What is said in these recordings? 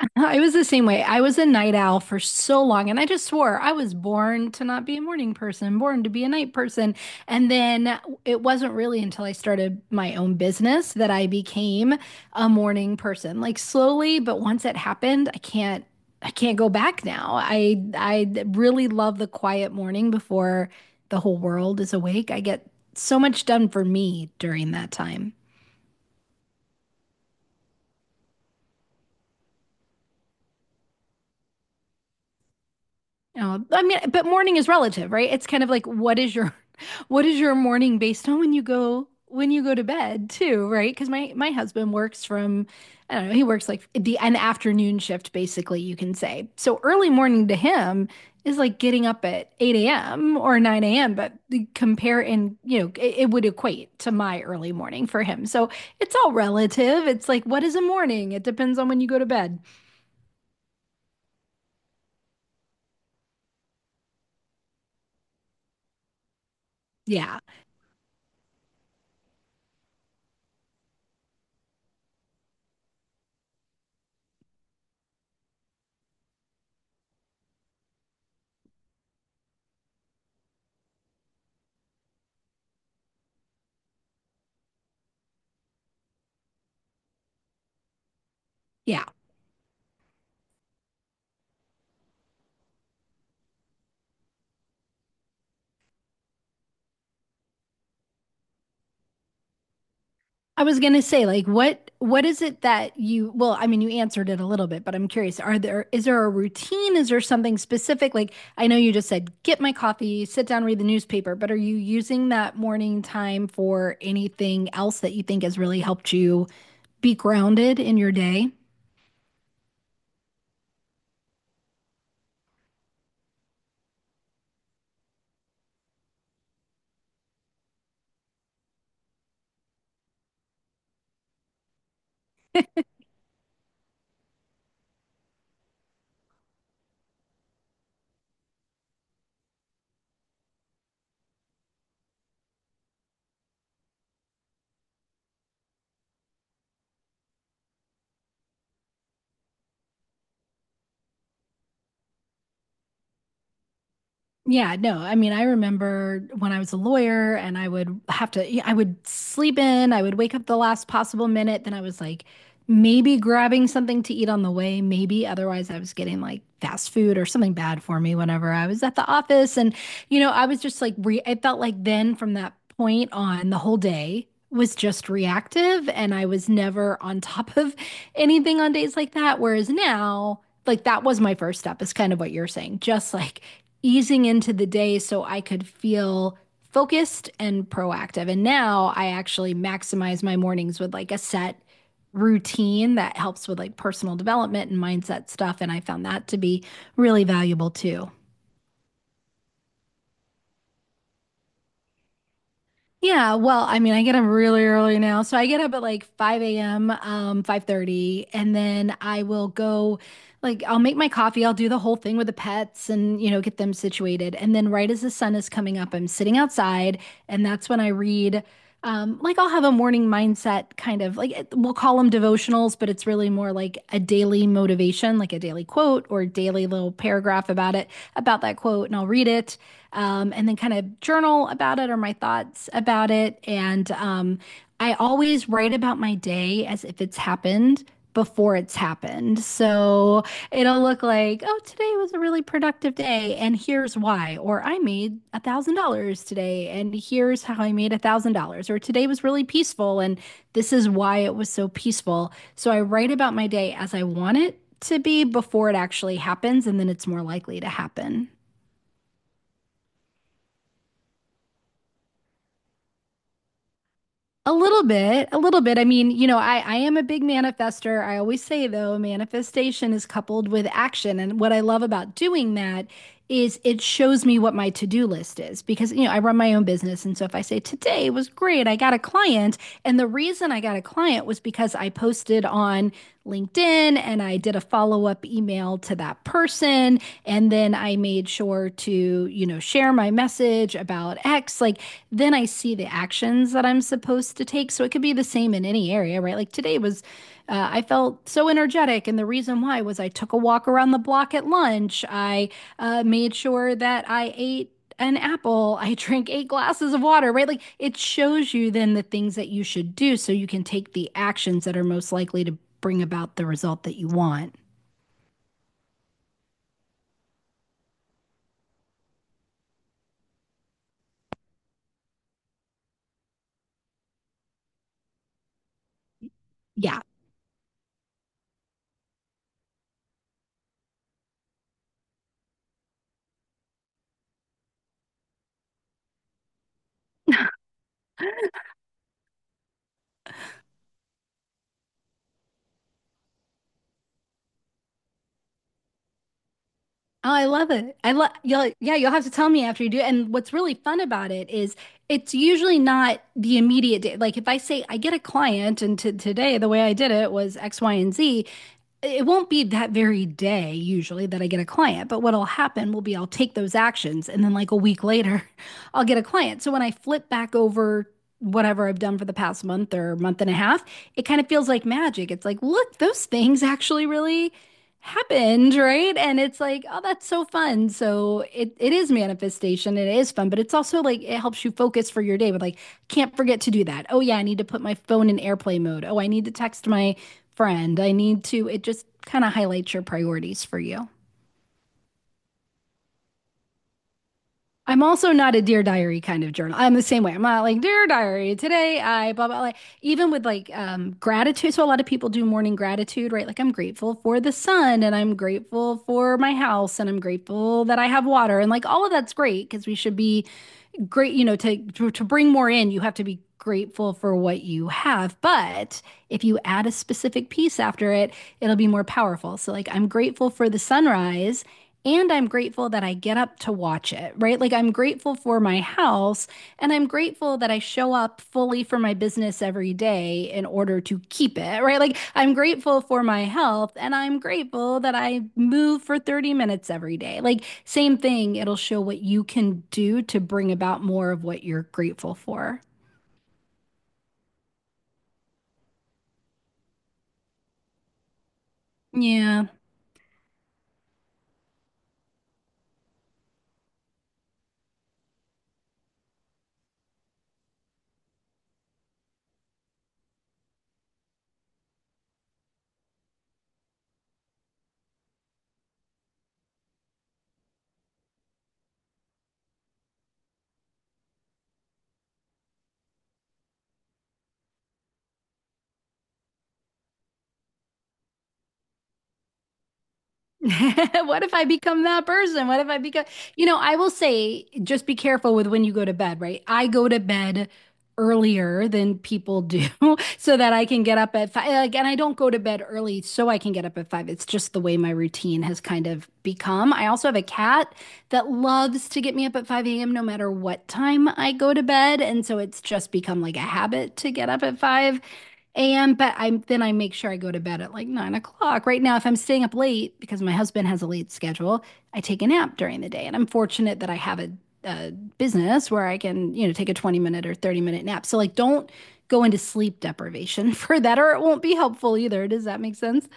I was the same way. I was a night owl for so long, and I just swore I was born to not be a morning person, born to be a night person. And then it wasn't really until I started my own business that I became a morning person. Like slowly, but once it happened, I can't go back now. I really love the quiet morning before the whole world is awake. I get so much done for me during that time. Oh, I mean, but morning is relative, right? It's kind of like what is your what is your morning based on when you go to bed too, right? Because my husband works from I don't know, he works like the an afternoon shift basically, you can say. So early morning to him is like getting up at 8 a.m. or 9 a.m., but compare and you know, it would equate to my early morning for him. So it's all relative. It's like what is a morning? It depends on when you go to bed. Yeah. Yeah, I was gonna say, like, what is it that you, well, I mean, you answered it a little bit, but I'm curious, are there is there a routine? Is there something specific? Like, I know you just said, get my coffee, sit down, read the newspaper, but are you using that morning time for anything else that you think has really helped you be grounded in your day? Yeah, no. I mean, I remember when I was a lawyer and I would have to, yeah, I would sleep in, I would wake up the last possible minute. Then I was like maybe grabbing something to eat on the way, maybe. Otherwise, I was getting like fast food or something bad for me whenever I was at the office. And, you know, I was just like, re I felt like then from that point on, the whole day was just reactive and I was never on top of anything on days like that. Whereas now, like that was my first step, is kind of what you're saying. Just like, easing into the day so I could feel focused and proactive. And now I actually maximize my mornings with like a set routine that helps with like personal development and mindset stuff. And I found that to be really valuable too. Yeah, well, I mean, I get up really early now. So I get up at like 5 a.m., 5:30, and then I will go like I'll make my coffee, I'll do the whole thing with the pets and, you know, get them situated. And then right as the sun is coming up, I'm sitting outside, and that's when I read like I'll have a morning mindset kind of like we'll call them devotionals, but it's really more like a daily motivation, like a daily quote or daily little paragraph about it, about that quote, and I'll read it, and then kind of journal about it or my thoughts about it. And I always write about my day as if it's happened before it's happened. So it'll look like, oh, today was a really productive day, and here's why. Or I made $1,000 today, and here's how I made $1,000. Or today was really peaceful, and this is why it was so peaceful. So I write about my day as I want it to be before it actually happens, and then it's more likely to happen. A little bit, a little bit. I mean, you know, I am a big manifester. I always say, though, manifestation is coupled with action. And what I love about doing that is it shows me what my to-do list is, because you know I run my own business. And so if I say today was great, I got a client, and the reason I got a client was because I posted on LinkedIn and I did a follow-up email to that person and then I made sure to, you know, share my message about X, like then I see the actions that I'm supposed to take. So it could be the same in any area, right? Like today was I felt so energetic, and the reason why was I took a walk around the block at lunch. I made sure that I ate an apple. I drank eight glasses of water, right? Like it shows you then the things that you should do so you can take the actions that are most likely to bring about the result that you want. Yeah, oh, I love it. I love You'll, yeah, you'll have to tell me after you do it. And what's really fun about it is it's usually not the immediate day. Like if I say I get a client and to today the way I did it was X, Y, and Z, it won't be that very day usually that I get a client, but what'll happen will be I'll take those actions and then like a week later, I'll get a client. So when I flip back over whatever I've done for the past month or month and a half, it kind of feels like magic. It's like, look, those things actually really happened, right? And it's like, oh, that's so fun. So it is manifestation. It is fun, but it's also like it helps you focus for your day. But like, can't forget to do that. Oh yeah, I need to put my phone in airplane mode. Oh, I need to text my friend. I need to. It just kind of highlights your priorities for you. I'm also not a Dear Diary kind of journal. I'm the same way. I'm not like Dear Diary today. I blah blah. Like even with like gratitude. So a lot of people do morning gratitude, right? Like I'm grateful for the sun, and I'm grateful for my house, and I'm grateful that I have water, and like all of that's great because we should be great, you know, to, to bring more in, you have to be grateful for what you have. But if you add a specific piece after it, it'll be more powerful. So like I'm grateful for the sunrise and I'm grateful that I get up to watch it, right? Like I'm grateful for my house and I'm grateful that I show up fully for my business every day in order to keep it, right? Like, I'm grateful for my health and I'm grateful that I move for 30 minutes every day. Like, same thing, it'll show what you can do to bring about more of what you're grateful for. Yeah. What if I become that person? What if I become, you know, I will say just be careful with when you go to bed, right? I go to bed earlier than people do so that I can get up at five. Like, and I don't go to bed early so I can get up at five. It's just the way my routine has kind of become. I also have a cat that loves to get me up at 5 a.m. no matter what time I go to bed. And so it's just become like a habit to get up at five AM, but I'm then I make sure I go to bed at like 9 o'clock. Right now, if I'm staying up late because my husband has a late schedule, I take a nap during the day. And I'm fortunate that I have a business where I can, you know, take a 20 minute or 30-minute nap. So like don't go into sleep deprivation for that, or it won't be helpful either. Does that make sense?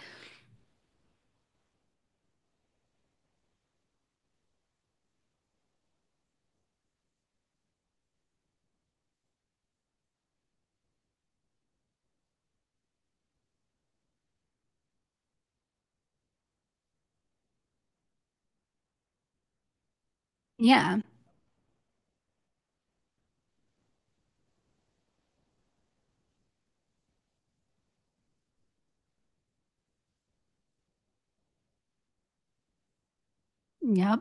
Yeah. Yep.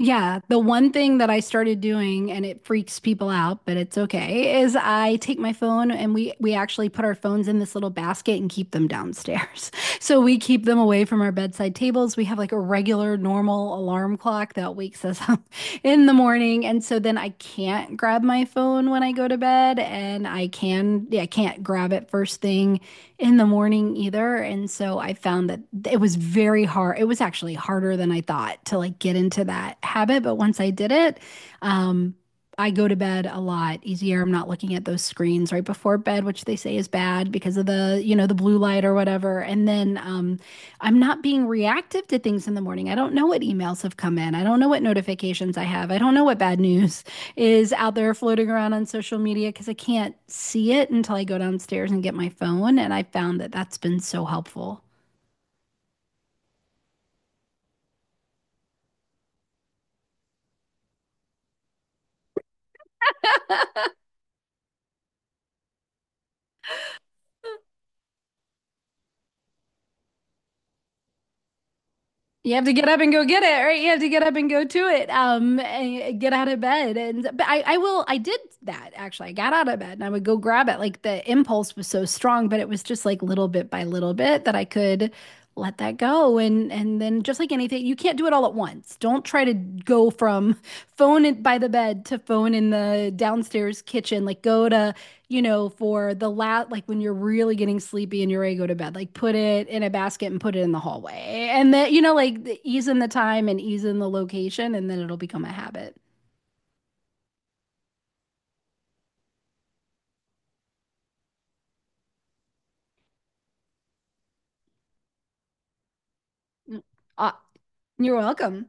Yeah, the one thing that I started doing, and it freaks people out, but it's okay, is I take my phone and we actually put our phones in this little basket and keep them downstairs. So we keep them away from our bedside tables. We have like a regular normal alarm clock that wakes us up in the morning, and so then I can't grab my phone when I go to bed, and I can, yeah, I can't grab it first thing in the morning either. And so I found that it was very hard. It was actually harder than I thought to like get into that habit. But once I did it, um, I go to bed a lot easier. I'm not looking at those screens right before bed, which they say is bad because of the, you know, the blue light or whatever. And then I'm not being reactive to things in the morning. I don't know what emails have come in. I don't know what notifications I have. I don't know what bad news is out there floating around on social media because I can't see it until I go downstairs and get my phone. And I found that that's been so helpful. You have to get up and go get it, right? You have to get up and go to it, and get out of bed. And but I will, I did that actually. I got out of bed and I would go grab it. Like the impulse was so strong, but it was just like little bit by little bit that I could let that go. And then just like anything, you can't do it all at once. Don't try to go from phone in, by the bed to phone in the downstairs kitchen. Like go to, you know, for the last, like when you're really getting sleepy and you're ready to go to bed, like put it in a basket and put it in the hallway. And that, you know, like ease in the time and ease in the location, and then it'll become a habit. Mm. Ah, you're welcome.